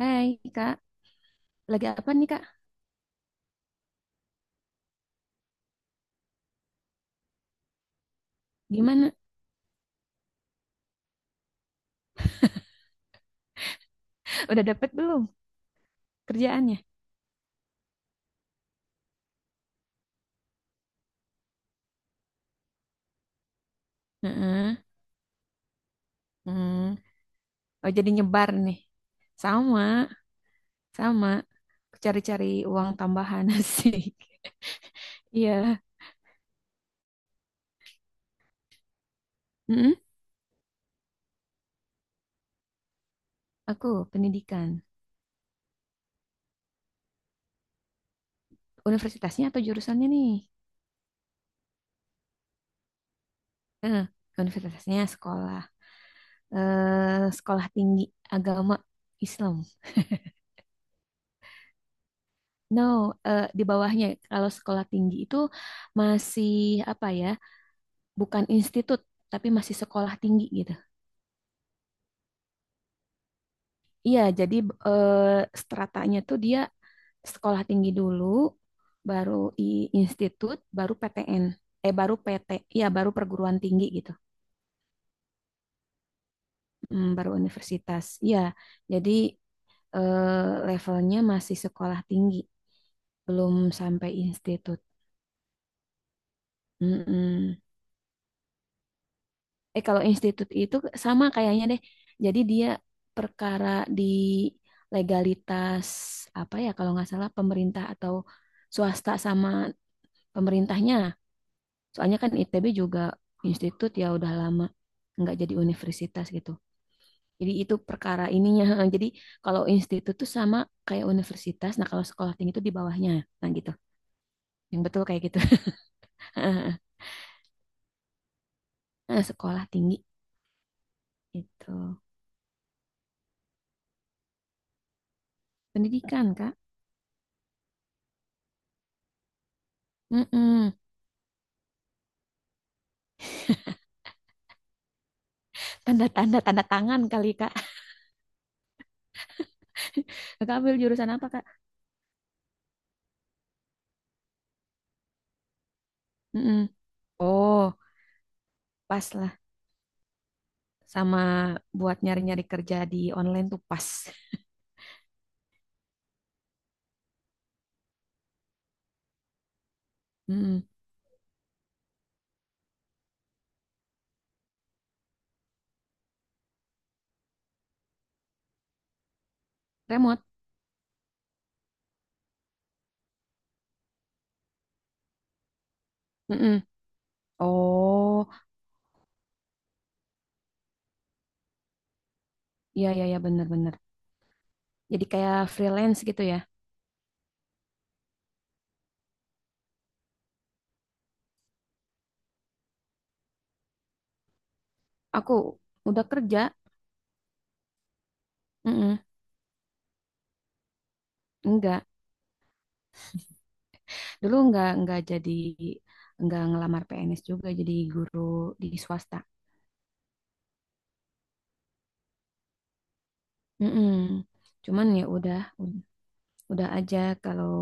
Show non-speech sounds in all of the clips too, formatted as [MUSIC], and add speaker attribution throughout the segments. Speaker 1: Hai Kak, lagi apa nih Kak? Gimana? Udah dapet belum kerjaannya? Heeh. Hmm. Oh jadi nyebar nih. Sama, sama. Cari-cari uang tambahan [LAUGHS] sih. Iya. Mm-mm. Aku pendidikan. Universitasnya atau jurusannya nih? Heeh. Universitasnya sekolah. Eh, sekolah tinggi agama Islam. No, eh, di bawahnya. Kalau sekolah tinggi itu masih apa ya? Bukan institut tapi masih sekolah tinggi gitu. Iya, jadi eh, stratanya tuh dia sekolah tinggi dulu, baru i institut, baru PTN. Eh baru PT, iya baru perguruan tinggi gitu. Hmm, baru universitas. Iya, jadi eh, levelnya masih sekolah tinggi, belum sampai institut. Mm-mm. Eh kalau institut itu sama kayaknya deh. Jadi dia perkara di legalitas apa ya, kalau nggak salah pemerintah atau swasta sama pemerintahnya. Soalnya kan ITB juga institut ya udah lama nggak jadi universitas gitu. Jadi itu perkara ininya. [LAUGHS] Jadi kalau institut tuh sama kayak universitas. Nah kalau sekolah tinggi itu di bawahnya. Nah gitu. Yang betul kayak gitu. [LAUGHS] Nah, sekolah tinggi itu pendidikan Kak. Mm-mm. Tanda tanda tanda tangan kali Kak. Kakak ambil jurusan apa Kak? Mm-mm. Oh, pas lah. Sama buat nyari-nyari kerja di online tuh pas. Mm-mm. Remote. Mm-mm. Oh, iya iya ya bener-bener. Jadi kayak freelance gitu ya. Aku udah kerja. Mm-mm. Enggak. Dulu enggak jadi enggak ngelamar PNS juga jadi guru di swasta. Mm-mm. Cuman ya udah ud- udah aja kalau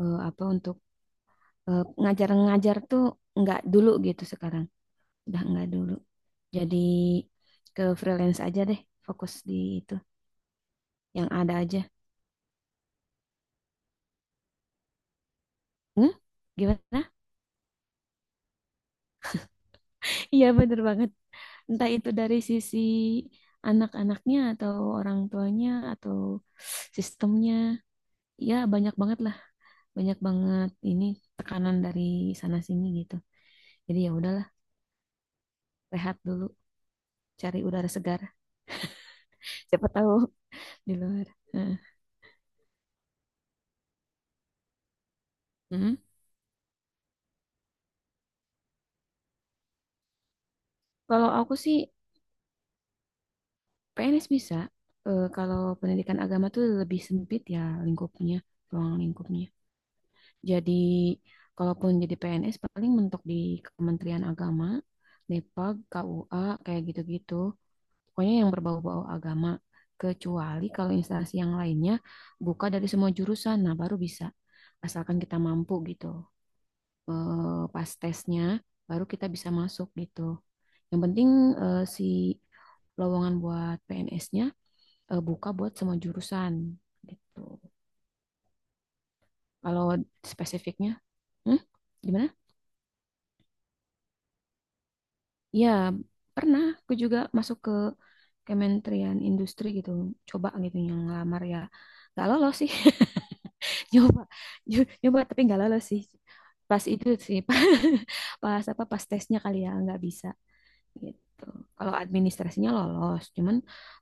Speaker 1: eh, apa untuk eh, ngajar-ngajar tuh nggak dulu gitu, sekarang udah nggak dulu, jadi ke freelance aja deh, fokus di itu yang ada aja. Hmm? Gimana? [LAUGHS] Iya bener banget, entah itu dari sisi anak-anaknya atau orang tuanya atau sistemnya, ya banyak banget lah, banyak banget ini tekanan dari sana sini gitu. Jadi ya udahlah, rehat dulu, cari udara segar, siapa tahu di luar. Heeh. Hmm. Kalau aku sih PNS bisa. Eh, kalau pendidikan agama tuh lebih sempit ya lingkupnya, ruang lingkupnya. Jadi, kalaupun jadi PNS paling mentok di Kementerian Agama, Depag, KUA, kayak gitu-gitu. Pokoknya yang berbau-bau agama. Kecuali kalau instansi yang lainnya buka dari semua jurusan, nah baru bisa. Asalkan kita mampu gitu. Eh, pas tesnya, baru kita bisa masuk gitu. Yang penting eh, si lowongan buat PNS-nya eh, buka buat semua jurusan gitu. Kalau spesifiknya, hmm? Gimana? Ya, pernah aku juga masuk ke Kementerian Industri gitu, coba gitu yang ngelamar ya. Gak lolos sih. [LAUGHS] Nyoba, nyoba tapi gak lolos sih. Pas itu sih, [LAUGHS] pas pas apa pas tesnya kali ya nggak bisa gitu. Kalau administrasinya lolos, cuman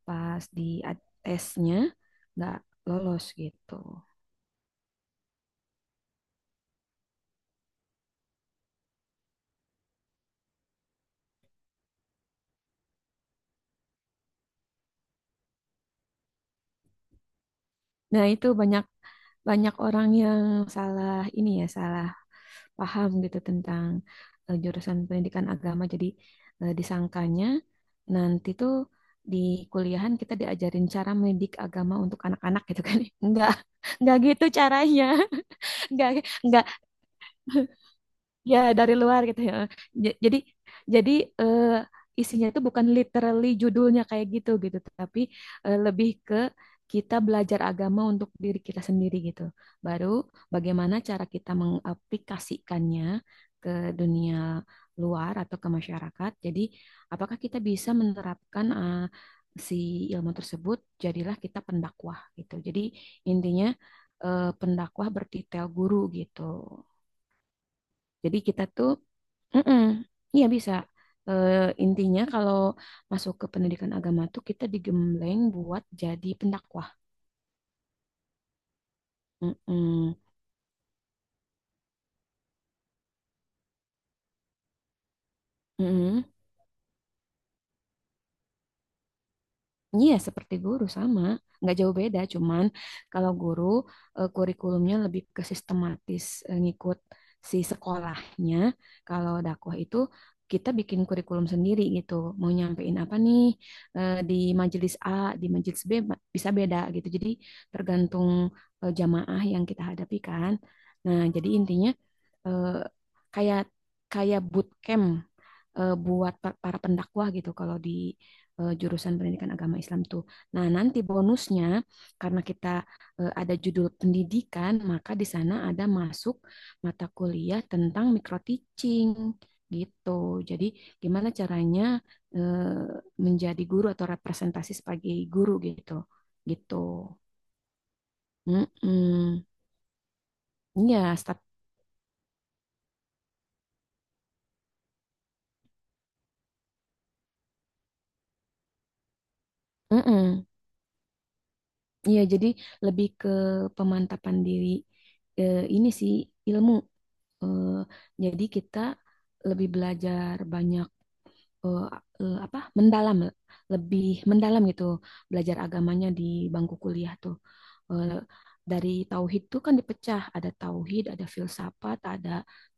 Speaker 1: pas di tesnya nggak lolos gitu. Nah, itu banyak banyak orang yang salah ini ya, salah paham gitu tentang eh, jurusan pendidikan agama. Jadi eh, disangkanya nanti tuh di kuliahan kita diajarin cara mendidik agama untuk anak-anak gitu kan. [LAUGHS] Enggak, enggak gitu caranya. [LAUGHS] Enggak enggak. Ya, dari luar gitu ya. J- Jadi jadi eh, isinya itu bukan literally judulnya kayak gitu gitu, tapi eh, lebih ke kita belajar agama untuk diri kita sendiri gitu. Baru bagaimana cara kita mengaplikasikannya ke dunia luar atau ke masyarakat. Jadi, apakah kita bisa menerapkan eh, si ilmu tersebut? Jadilah kita pendakwah gitu. Jadi, intinya eh, pendakwah bertitel guru gitu. Jadi kita tuh. Mm-mm. Iya bisa. Eh, intinya kalau masuk ke pendidikan agama tuh kita digembleng buat jadi pendakwah. Mm-mm. Mm-mm. Iya, seperti guru sama, nggak jauh beda. Cuman kalau guru eh, kurikulumnya lebih ke sistematis eh, ngikut si sekolahnya. Kalau dakwah itu kita bikin kurikulum sendiri gitu. Mau nyampein apa nih eh, di majelis A, di majelis B bisa beda gitu. Jadi tergantung eh, jamaah yang kita hadapi kan. Nah, jadi intinya eh, kayak kayak bootcamp eh, buat para pendakwah gitu kalau di eh, jurusan pendidikan agama Islam tuh. Nah, nanti bonusnya karena kita eh, ada judul pendidikan, maka di sana ada masuk mata kuliah tentang micro teaching gitu. Jadi, gimana caranya eh, menjadi guru atau representasi sebagai guru gitu. Gitu. Mm-mm. Iya, staf. Iya, jadi lebih ke pemantapan diri eh, ini sih ilmu. Eh, jadi kita lebih belajar banyak eh, eh, apa mendalam, lebih mendalam gitu, belajar agamanya di bangku kuliah tuh. Eh, dari tauhid tuh kan dipecah, ada tauhid, ada filsafat, ada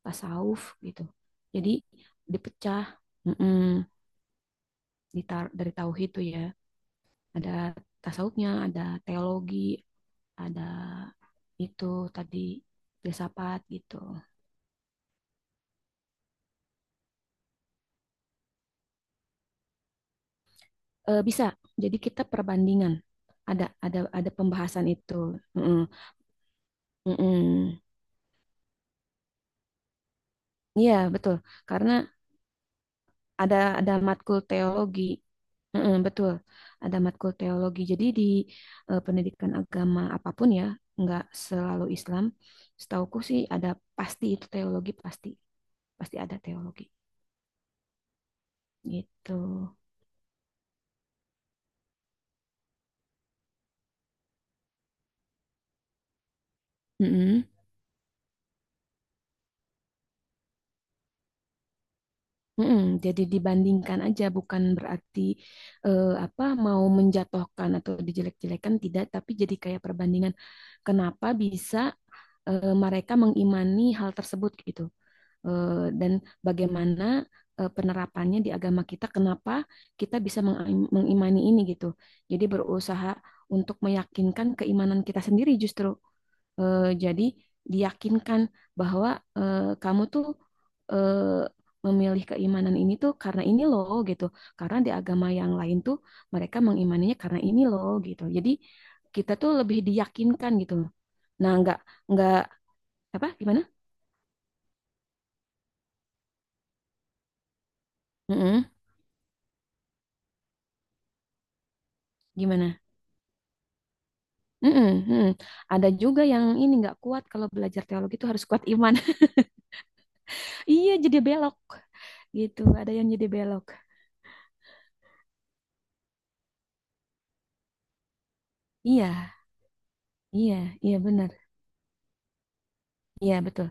Speaker 1: tasawuf gitu. Jadi dipecah mm-mm, di dari tauhid tuh ya, ada tasawufnya, ada teologi, ada itu tadi filsafat gitu. Eh, bisa. Jadi kita perbandingan. Ada pembahasan itu. Mm-mm. Mm-mm. Iya, betul. Karena ada matkul teologi. Mm-mm, betul. Ada matkul teologi. Jadi di eh, pendidikan agama apapun ya, nggak selalu Islam. Setauku sih ada pasti itu teologi, pasti pasti ada teologi gitu. Mm-mm. Mm-mm, jadi dibandingkan aja, bukan berarti eh, apa mau menjatuhkan atau dijelek-jelekan, tidak, tapi jadi kayak perbandingan kenapa bisa eh, mereka mengimani hal tersebut gitu. Eh, dan bagaimana eh, penerapannya di agama kita, kenapa kita bisa mengimani ini gitu. Jadi berusaha untuk meyakinkan keimanan kita sendiri justru. Eh, jadi diyakinkan bahwa eh, kamu tuh eh, memilih keimanan ini tuh karena ini loh gitu. Karena di agama yang lain tuh mereka mengimaninya karena ini loh gitu. Jadi kita tuh lebih diyakinkan gitu. Nah, nggak apa gimana? Mm-mm, gimana? Mm-mm, mm-mm. Ada juga yang ini nggak kuat kalau belajar teologi itu harus kuat iman. [LAUGHS] Iya, jadi belok gitu. Ada yang jadi belok. Iya, iya, iya benar. Iya betul.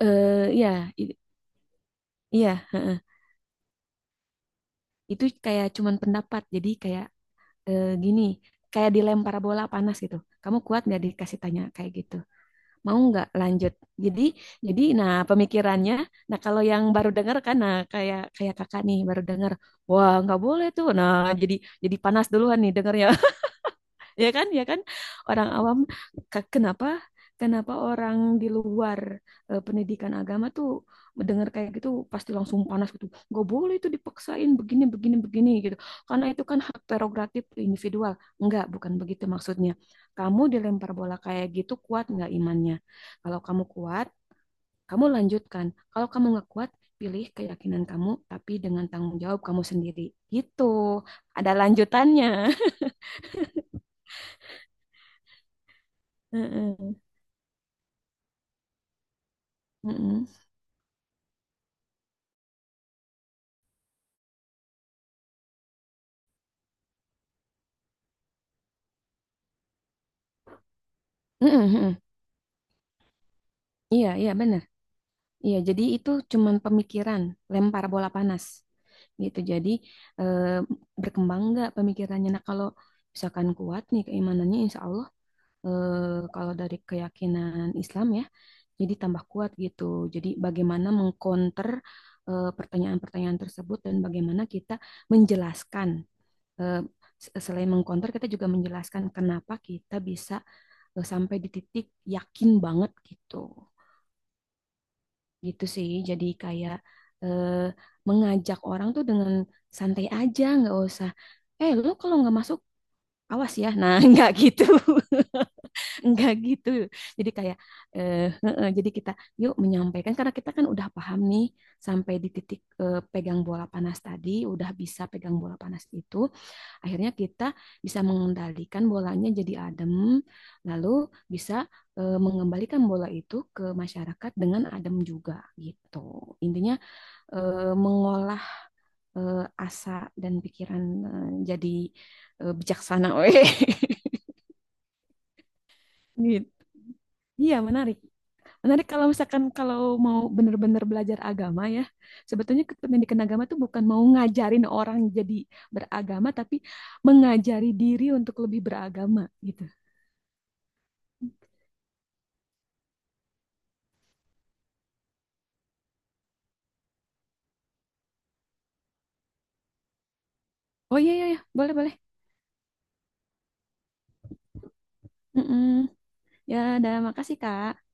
Speaker 1: Eh, iya, i- Iya, heeh. Itu kayak cuman pendapat. Jadi kayak eh, gini, kayak dilempar bola panas gitu. Kamu kuat nggak dikasih tanya kayak gitu? Mau nggak lanjut? Jadi, jadi, nah pemikirannya, nah kalau yang baru dengar kan, nah kayak kayak kakak nih baru dengar, wah nggak boleh tuh. Nah jadi jadi panas duluan nih dengarnya. Ya kan ya kan orang awam, kenapa kenapa orang di luar eh, pendidikan agama tuh mendengar kayak gitu pasti langsung panas gitu, nggak boleh itu dipaksain begini begini begini gitu, karena itu kan hak prerogatif individual. Enggak, bukan begitu maksudnya. Kamu dilempar bola kayak gitu, kuat nggak imannya? Kalau kamu kuat, kamu lanjutkan. Kalau kamu nggak kuat, pilih keyakinan kamu tapi dengan tanggung jawab kamu sendiri gitu. Ada lanjutannya. [LAUGHS] Heeh. Mm-mm. Mm-mm, mm-mm. Iya, iya benar. Iya, jadi itu cuman pemikiran, lempar bola panas gitu. Jadi eh, berkembang nggak pemikirannya. Nah, kalau misalkan kuat nih keimanannya, insya Allah eh, kalau dari keyakinan Islam ya, jadi tambah kuat gitu. Jadi bagaimana mengcounter eh, pertanyaan-pertanyaan tersebut dan bagaimana kita menjelaskan. Eh, selain mengcounter, kita juga menjelaskan kenapa kita bisa eh, sampai di titik yakin banget gitu. Gitu sih jadi kayak eh, mengajak orang tuh dengan santai aja, nggak usah eh lu kalau nggak masuk awas ya, nah [LAUGHS] nggak gitu. [LAUGHS] Nggak gitu. Jadi kayak eh, heeh, jadi kita yuk menyampaikan karena kita kan udah paham nih, sampai di titik eh, pegang bola panas tadi, udah bisa pegang bola panas itu. Akhirnya kita bisa mengendalikan bolanya jadi adem, lalu bisa eh, mengembalikan bola itu ke masyarakat dengan adem juga gitu. Intinya eh, mengolah eh, asa dan pikiran eh, jadi eh, bijaksana, [LAUGHS] weh. Gitu. Iya, menarik. Menarik kalau misalkan kalau mau benar-benar belajar agama ya. Sebetulnya pendidikan agama itu bukan mau ngajarin orang jadi beragama, tapi mengajari diri untuk lebih beragama gitu. Oh iya iya, iya. Boleh boleh. Mm-mm. Ya, udah makasih Kak.